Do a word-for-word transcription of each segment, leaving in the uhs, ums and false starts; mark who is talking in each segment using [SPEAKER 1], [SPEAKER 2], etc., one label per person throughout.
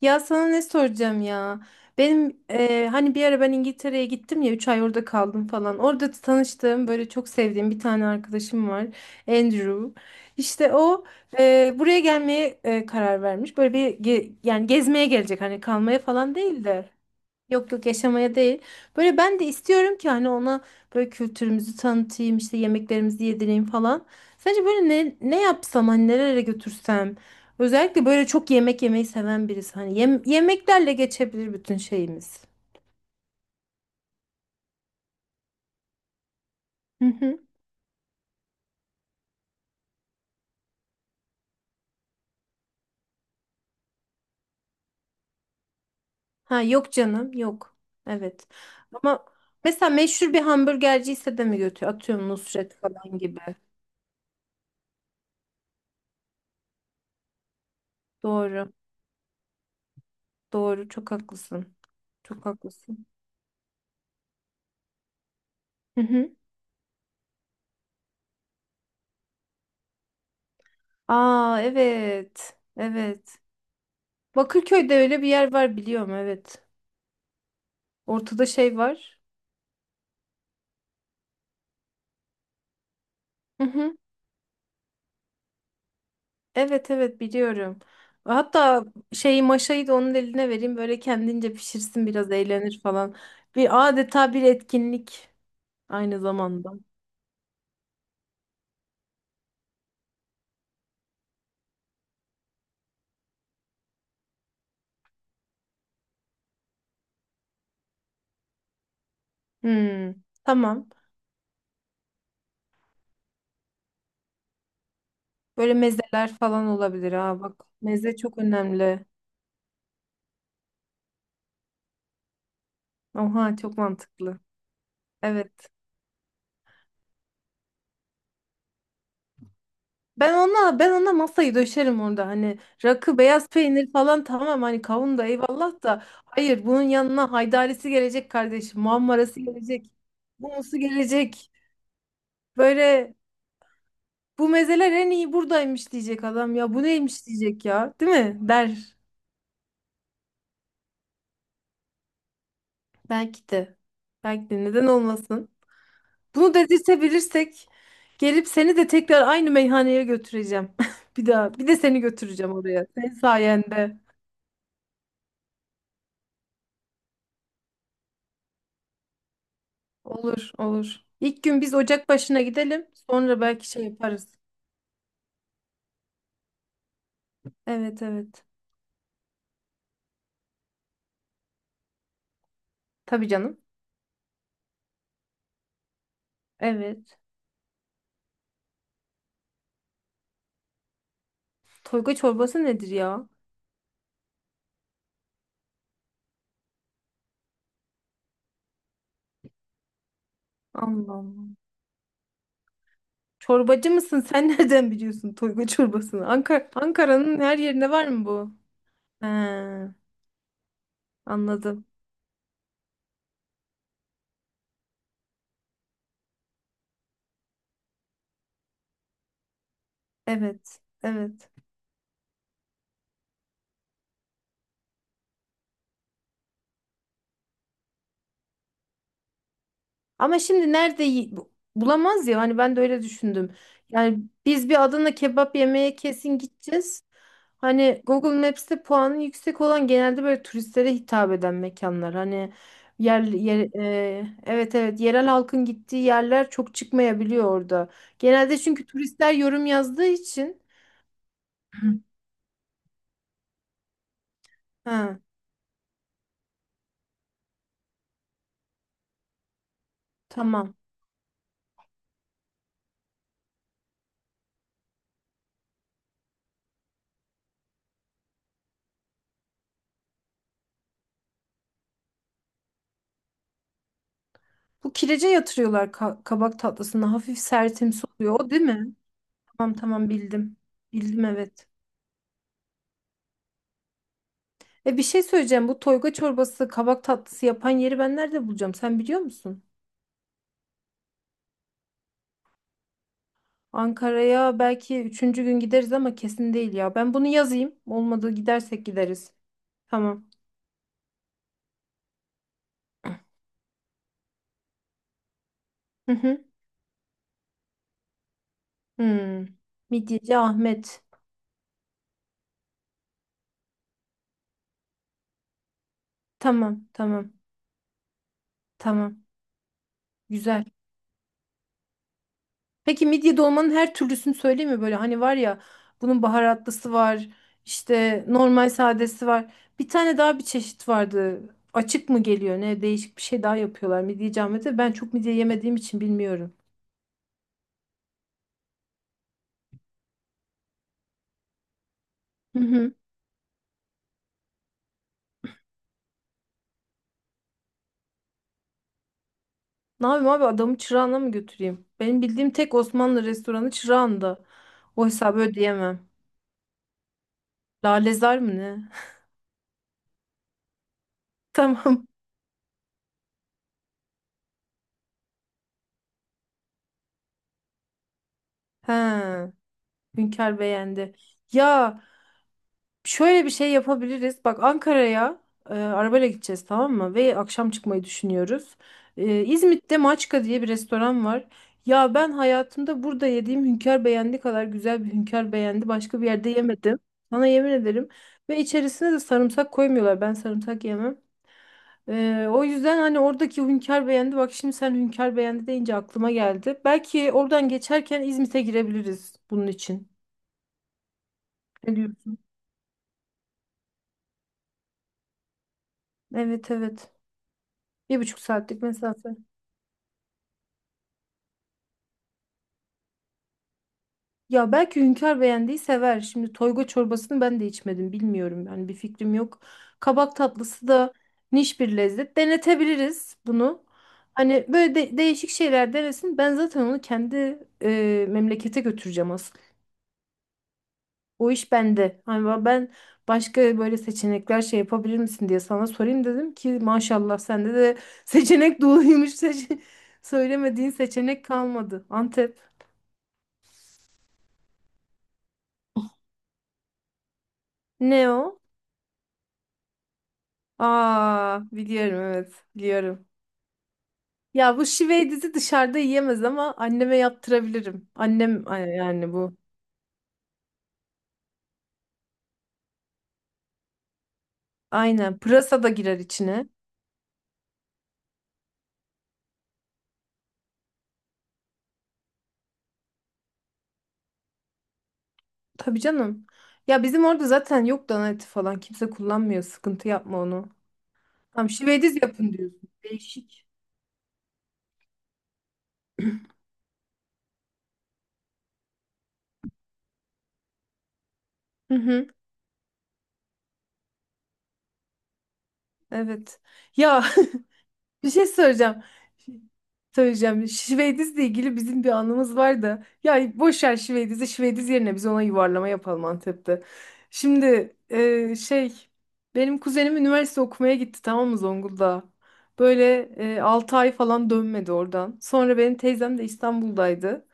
[SPEAKER 1] Ya sana ne soracağım ya? Benim e, hani bir ara ben İngiltere'ye gittim ya üç ay orada kaldım falan. Orada tanıştığım böyle çok sevdiğim bir tane arkadaşım var. Andrew. İşte o e, buraya gelmeye e, karar vermiş. Böyle bir ge- yani gezmeye gelecek hani kalmaya falan değil de. Yok yok yaşamaya değil. Böyle ben de istiyorum ki hani ona böyle kültürümüzü tanıtayım işte yemeklerimizi yedireyim falan. Sence böyle ne, ne yapsam hani nerelere götürsem. Özellikle böyle çok yemek yemeyi seven birisi. Hani yem- yemeklerle geçebilir bütün şeyimiz. Hı hı. Ha yok canım yok. Evet. Ama mesela meşhur bir hamburgerci ise de mi götür? Atıyorum Nusret falan gibi. Doğru. Doğru. Çok haklısın. Çok haklısın. Hı hı. Aa evet. Evet. Bakırköy'de öyle bir yer var biliyorum evet. Ortada şey var. Hı hı. Evet evet biliyorum. Hatta şeyi maşayı da onun eline vereyim böyle kendince pişirsin biraz eğlenir falan. Bir adeta bir etkinlik aynı zamanda. Hmm, tamam. Böyle mezeler falan olabilir ha bak. Meze çok önemli. Oha çok mantıklı. Evet. Ben ona ben ona masayı döşerim orada hani rakı beyaz peynir falan tamam hani kavun da eyvallah da hayır bunun yanına haydarisi gelecek kardeşim muhammarası gelecek humusu gelecek böyle bu mezeler en iyi buradaymış diyecek adam ya bu neymiş diyecek ya değil mi der belki de belki de neden olmasın bunu dedirtebilirsek gelip seni de tekrar aynı meyhaneye götüreceğim bir daha bir de seni götüreceğim oraya senin sayende. Olur, olur. İlk gün biz ocak başına gidelim. Sonra belki şey yaparız. Evet, evet. Tabii canım. Evet. Toyga çorbası nedir ya? Allah Allah. Çorbacı mısın? Sen nereden biliyorsun toyga çorbasını? Ankara, Ankara'nın her yerinde var mı bu? He, anladım. Evet, evet. Ama şimdi nerede yi- bulamaz ya hani ben de öyle düşündüm. Yani biz bir Adana kebap yemeye kesin gideceğiz. Hani Google Maps'te puanı yüksek olan genelde böyle turistlere hitap eden mekanlar. Hani yer, yer e, evet evet yerel halkın gittiği yerler çok çıkmayabiliyor orada. Genelde çünkü turistler yorum yazdığı için. Hı. Ha, tamam. Bu kirece yatırıyorlar ka- kabak tatlısına. Hafif sertimsi oluyor. O değil mi? Tamam tamam bildim. Bildim evet. E bir şey söyleyeceğim. Bu toyga çorbası, kabak tatlısı yapan yeri ben nerede bulacağım? Sen biliyor musun? Ankara'ya belki üçüncü gün gideriz ama kesin değil ya. Ben bunu yazayım. Olmadı gidersek gideriz. Tamam. Hı hı. Hmm. Midyeci Ahmet. Tamam, tamam, tamam. Güzel. Peki midye dolmanın her türlüsünü söyleyeyim mi? Böyle hani var ya bunun baharatlısı var, işte normal sadesi var. Bir tane daha bir çeşit vardı. Açık mı geliyor ne? Değişik bir şey daha yapıyorlar midye camide. Ben çok midye yemediğim için bilmiyorum. Hı hı. Ne yapayım abi adamı Çırağan'a mı götüreyim? Benim bildiğim tek Osmanlı restoranı Çırağan'da. O hesabı ödeyemem. Lalezar mı ne? Tamam. He. Hünkar beğendi. Ya Şöyle bir şey yapabiliriz. Bak Ankara'ya e, arabayla gideceğiz tamam mı? Ve akşam çıkmayı düşünüyoruz. E, İzmit'te Maçka diye bir restoran var. Ya ben hayatımda burada yediğim hünkâr beğendi kadar güzel bir hünkâr beğendi. Başka bir yerde yemedim. Sana yemin ederim. Ve içerisine de sarımsak koymuyorlar. Ben sarımsak yemem. E, o yüzden hani oradaki hünkâr beğendi. Bak şimdi sen hünkâr beğendi deyince aklıma geldi. Belki oradan geçerken İzmit'e girebiliriz bunun için. Ne diyorsun? Evet evet. Bir buçuk saatlik mesafe. Ya belki Hünkar beğendiği sever. Şimdi toyga çorbasını ben de içmedim. Bilmiyorum yani bir fikrim yok. Kabak tatlısı da niş bir lezzet. Denetebiliriz bunu. Hani böyle de- değişik şeyler denesin. Ben zaten onu kendi e, memlekete götüreceğim asıl. O iş bende. Hani ben ben başka böyle seçenekler şey yapabilir misin diye sana sorayım dedim ki maşallah sende de seçenek doluymuş. Seçe- Söylemediğin seçenek kalmadı. Antep. Ne o? Aa, biliyorum evet, biliyorum. Ya bu şiveydizi dışarıda yiyemez ama anneme yaptırabilirim. Annem a- yani bu. Aynen. Pırasa da girer içine. Tabii canım. Ya bizim orada zaten yok dana eti falan. Kimse kullanmıyor. Sıkıntı yapma onu. Tamam şiveydiz yapın diyorsun. Değişik. Hı hı. Evet. Ya bir şey söyleyeceğim. Söyleyeceğim. Şivediz'le ilgili bizim bir anımız var da. Ya boş ver Şivediz'i. Şivediz yerine biz ona yuvarlama yapalım Antep'te. Şimdi e, şey benim kuzenim üniversite okumaya gitti tamam mı Zonguldak'a? Böyle e, altı ay falan dönmedi oradan. Sonra benim teyzem de İstanbul'daydı.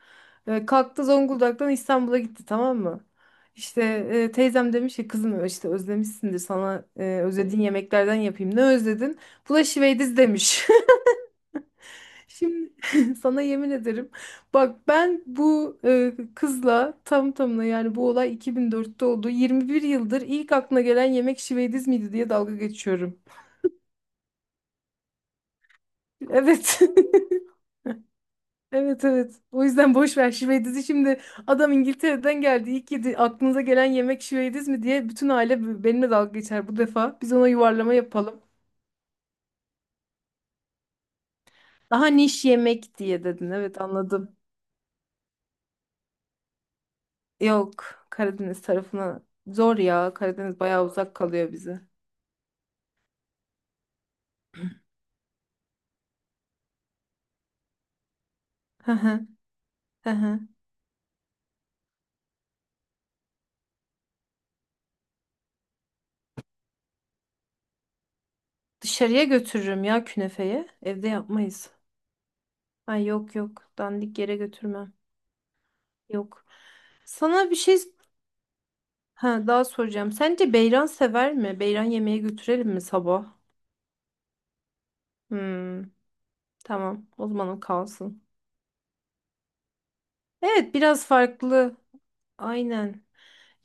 [SPEAKER 1] E, kalktı Zonguldak'tan İstanbul'a gitti tamam mı? İşte e, teyzem demiş ki kızım işte özlemişsindir sana e, özlediğin yemeklerden yapayım. Ne özledin? Bu da Şivediz demiş. Şimdi sana yemin ederim. Bak ben bu e, kızla tam tamına yani bu olay iki bin dörtte oldu. yirmi bir yıldır ilk aklına gelen yemek şivediz miydi diye dalga geçiyorum. Evet. Evet evet. O yüzden boş ver şivedizi. Şimdi adam İngiltere'den geldi. İlk yedi aklınıza gelen yemek şivediz mi diye bütün aile benimle dalga geçer bu defa. Biz ona yuvarlama yapalım. Daha niş yemek diye dedin. Evet anladım. Yok Karadeniz tarafına zor ya. Karadeniz bayağı uzak kalıyor bize. Hı hı, hı hı. Dışarıya götürürüm ya künefeye. Evde yapmayız. Ay yok yok. Dandik yere götürmem. Yok. Sana bir şey ha, daha soracağım. Sence beyran sever mi? Beyran yemeğe götürelim mi sabah? Hmm, tamam. O zaman o kalsın. Evet biraz farklı. Aynen.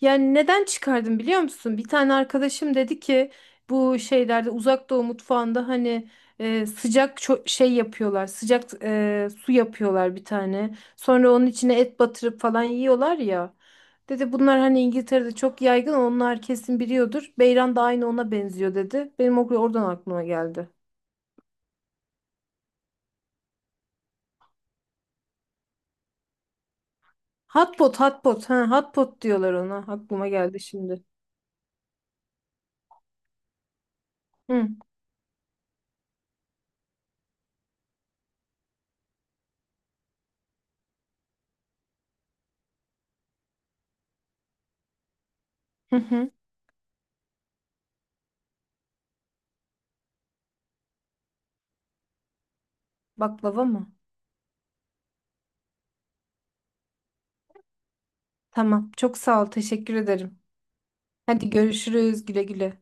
[SPEAKER 1] Yani neden çıkardım biliyor musun? Bir tane arkadaşım dedi ki bu şeylerde Uzak Doğu mutfağında hani e, sıcak ço- şey yapıyorlar. Sıcak e, su yapıyorlar bir tane. Sonra onun içine et batırıp falan yiyorlar ya. Dedi bunlar hani İngiltere'de çok yaygın onlar kesin biliyordur. Beyran da aynı ona benziyor dedi. Benim o oradan aklıma geldi. Hot pot, hot pot. Ha, hot pot diyorlar ona. Aklıma geldi şimdi. Hı hı. hı. Baklava mı? Tamam. Çok sağ ol. Teşekkür ederim. Hadi görüşürüz. Güle güle.